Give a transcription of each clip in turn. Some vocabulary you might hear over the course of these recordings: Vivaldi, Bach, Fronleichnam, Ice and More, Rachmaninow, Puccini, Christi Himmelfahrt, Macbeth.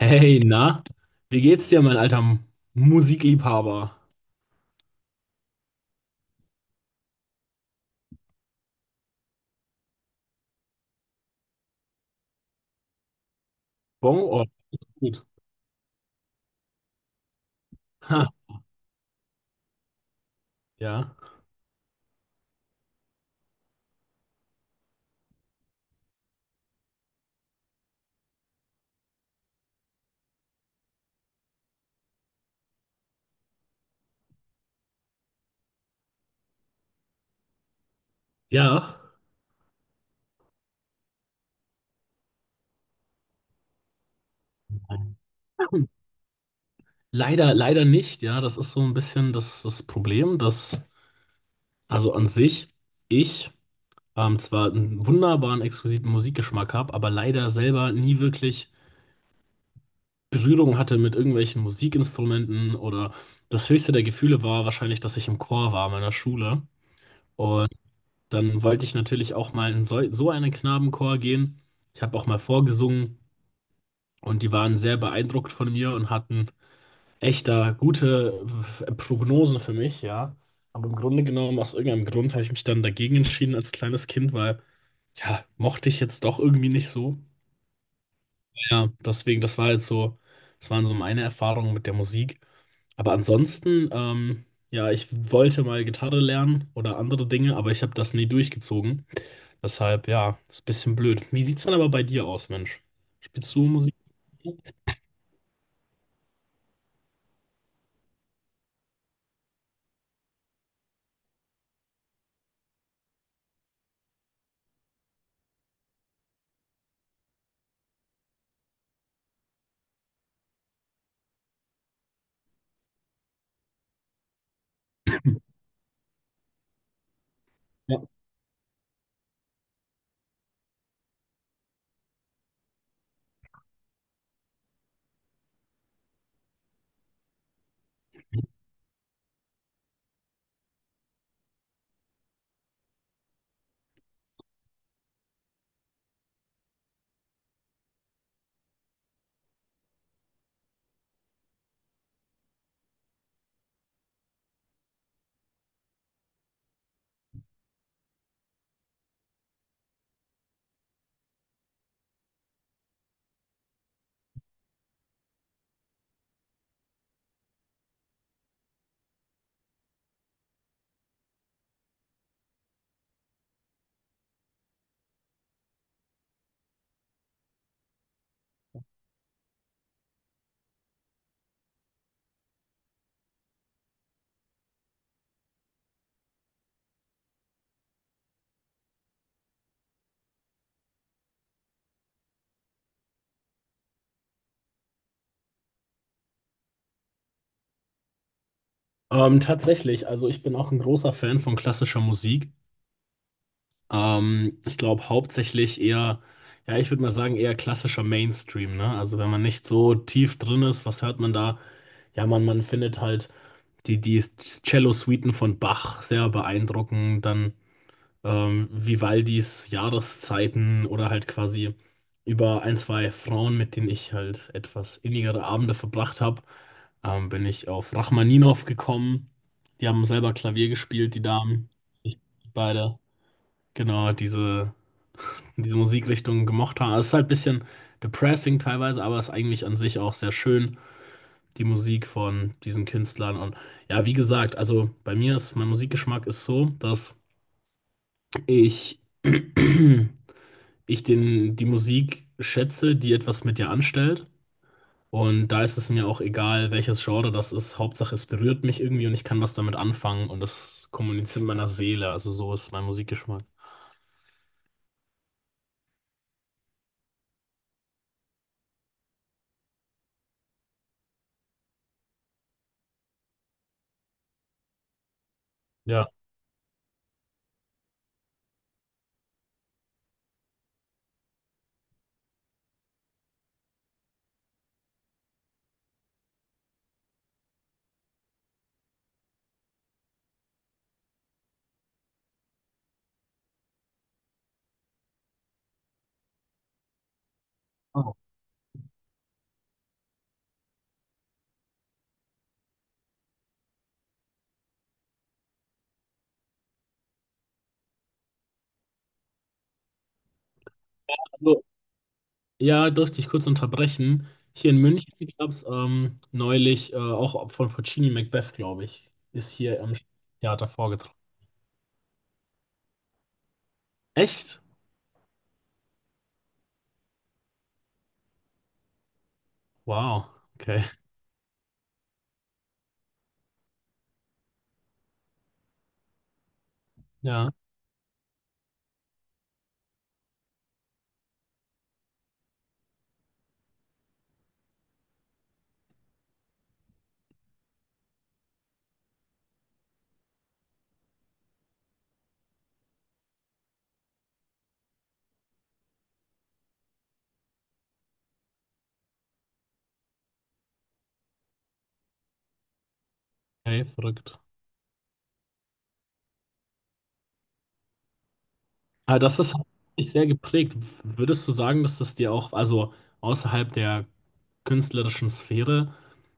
Hey, na, wie geht's dir, mein alter Musikliebhaber? Bon, oh, ist gut. Ha, ja, ja. Leider, leider nicht. Ja, das ist so ein bisschen das Problem, dass also an sich ich zwar einen wunderbaren, exquisiten Musikgeschmack habe, aber leider selber nie wirklich Berührung hatte mit irgendwelchen Musikinstrumenten oder das höchste der Gefühle war wahrscheinlich, dass ich im Chor war meiner Schule. Und dann wollte ich natürlich auch mal in so einen Knabenchor gehen. Ich habe auch mal vorgesungen und die waren sehr beeindruckt von mir und hatten echt da gute Prognosen für mich, ja. Aber im Grunde genommen, aus irgendeinem Grund habe ich mich dann dagegen entschieden als kleines Kind, weil, ja, mochte ich jetzt doch irgendwie nicht so. Ja, deswegen, das war jetzt so, das waren so meine Erfahrungen mit der Musik. Aber ansonsten, ja, ich wollte mal Gitarre lernen oder andere Dinge, aber ich habe das nie durchgezogen. Deshalb, ja, ist ein bisschen blöd. Wie sieht's dann aber bei dir aus, Mensch? Spielst du Musik? Ja. Tatsächlich, also ich bin auch ein großer Fan von klassischer Musik. Ich glaube hauptsächlich eher, ja, ich würde mal sagen, eher klassischer Mainstream, ne? Also wenn man nicht so tief drin ist, was hört man da? Ja, man findet halt die Cello-Suiten von Bach sehr beeindruckend, dann Vivaldis Jahreszeiten oder halt quasi über ein, zwei Frauen, mit denen ich halt etwas innigere Abende verbracht habe, bin ich auf Rachmaninow gekommen. Die haben selber Klavier gespielt, die Damen. Ich beide. Genau, diese, diese Musikrichtung gemocht haben. Also es ist halt ein bisschen depressing teilweise, aber ist eigentlich an sich auch sehr schön, die Musik von diesen Künstlern. Und ja, wie gesagt, also bei mir ist mein Musikgeschmack ist so, dass ich ich den, die Musik schätze, die etwas mit dir anstellt. Und da ist es mir auch egal, welches Genre das ist. Hauptsache, es berührt mich irgendwie und ich kann was damit anfangen und das kommuniziert mit meiner Seele. Also so ist mein Musikgeschmack. Ja. Oh. Also, ja, durfte ich kurz unterbrechen. Hier in München gab es neulich auch von Puccini Macbeth, glaube ich, ist hier am Theater vorgetragen. Echt? Wow. Okay. Ja, okay, verrückt. Aber das ist hat dich sehr geprägt. Würdest du sagen, dass das dir auch, also außerhalb der künstlerischen Sphäre,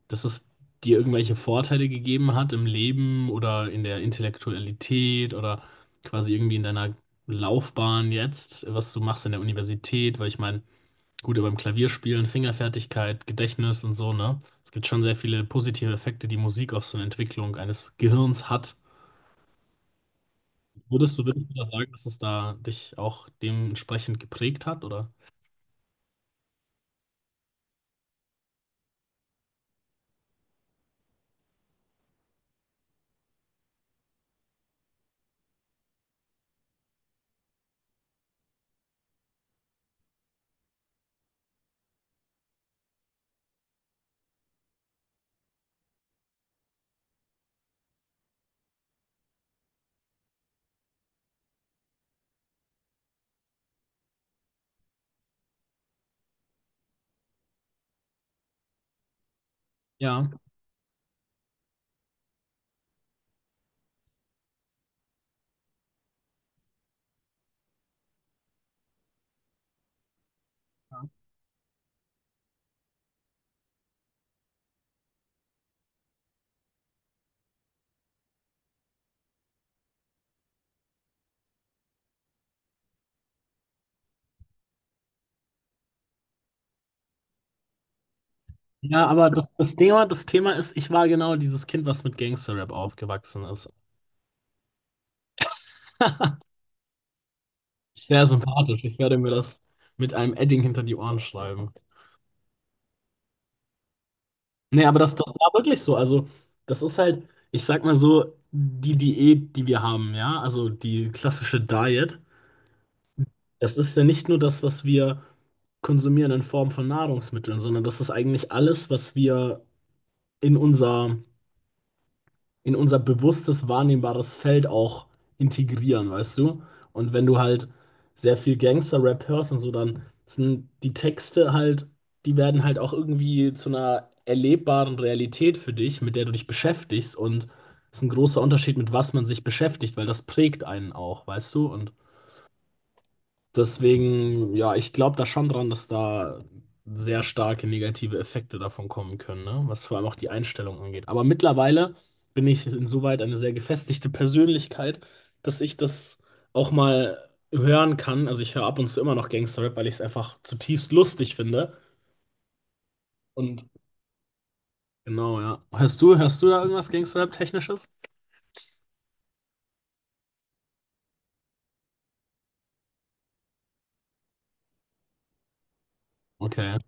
dass es dir irgendwelche Vorteile gegeben hat im Leben oder in der Intellektualität oder quasi irgendwie in deiner Laufbahn jetzt, was du machst in der Universität? Weil ich meine, gut, beim Klavierspielen, Fingerfertigkeit, Gedächtnis und so, ne? Es gibt schon sehr viele positive Effekte, die Musik auf so eine Entwicklung eines Gehirns hat. Würdest du da sagen, dass es da dich auch dementsprechend geprägt hat, oder? Ja. Ja, aber das Thema, das Thema ist, ich war genau dieses Kind, was mit Gangster-Rap aufgewachsen ist. Sehr sympathisch. Ich werde mir das mit einem Edding hinter die Ohren schreiben. Nee, aber das war wirklich so. Also, das ist halt, ich sag mal so, die Diät, die wir haben, ja, also die klassische Diet, das ist ja nicht nur das, was wir konsumieren in Form von Nahrungsmitteln, sondern das ist eigentlich alles, was wir in unser in unser bewusstes, wahrnehmbares Feld auch integrieren, weißt du? Und wenn du halt sehr viel Gangster-Rap hörst und so, dann sind die Texte halt, die werden halt auch irgendwie zu einer erlebbaren Realität für dich, mit der du dich beschäftigst. Und es ist ein großer Unterschied, mit was man sich beschäftigt, weil das prägt einen auch, weißt du? Und deswegen, ja, ich glaube da schon dran, dass da sehr starke negative Effekte davon kommen können, ne? Was vor allem auch die Einstellung angeht. Aber mittlerweile bin ich insoweit eine sehr gefestigte Persönlichkeit, dass ich das auch mal hören kann. Also ich höre ab und zu immer noch Gangsterrap, weil ich es einfach zutiefst lustig finde. Und genau, ja. Hörst du da irgendwas Gangsterrap-Technisches? Okay.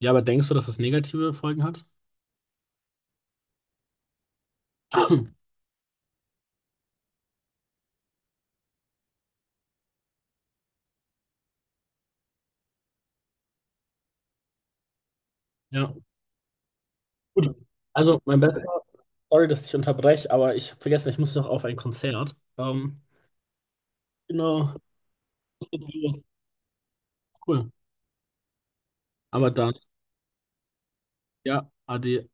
Ja, aber denkst du, dass es negative Folgen hat? Ja. Gut. Also mein Bester. Sorry, dass ich unterbreche, aber ich habe vergessen, ich muss noch auf ein Konzert. Genau. Das wird so cool. Aber dann, ja, ade.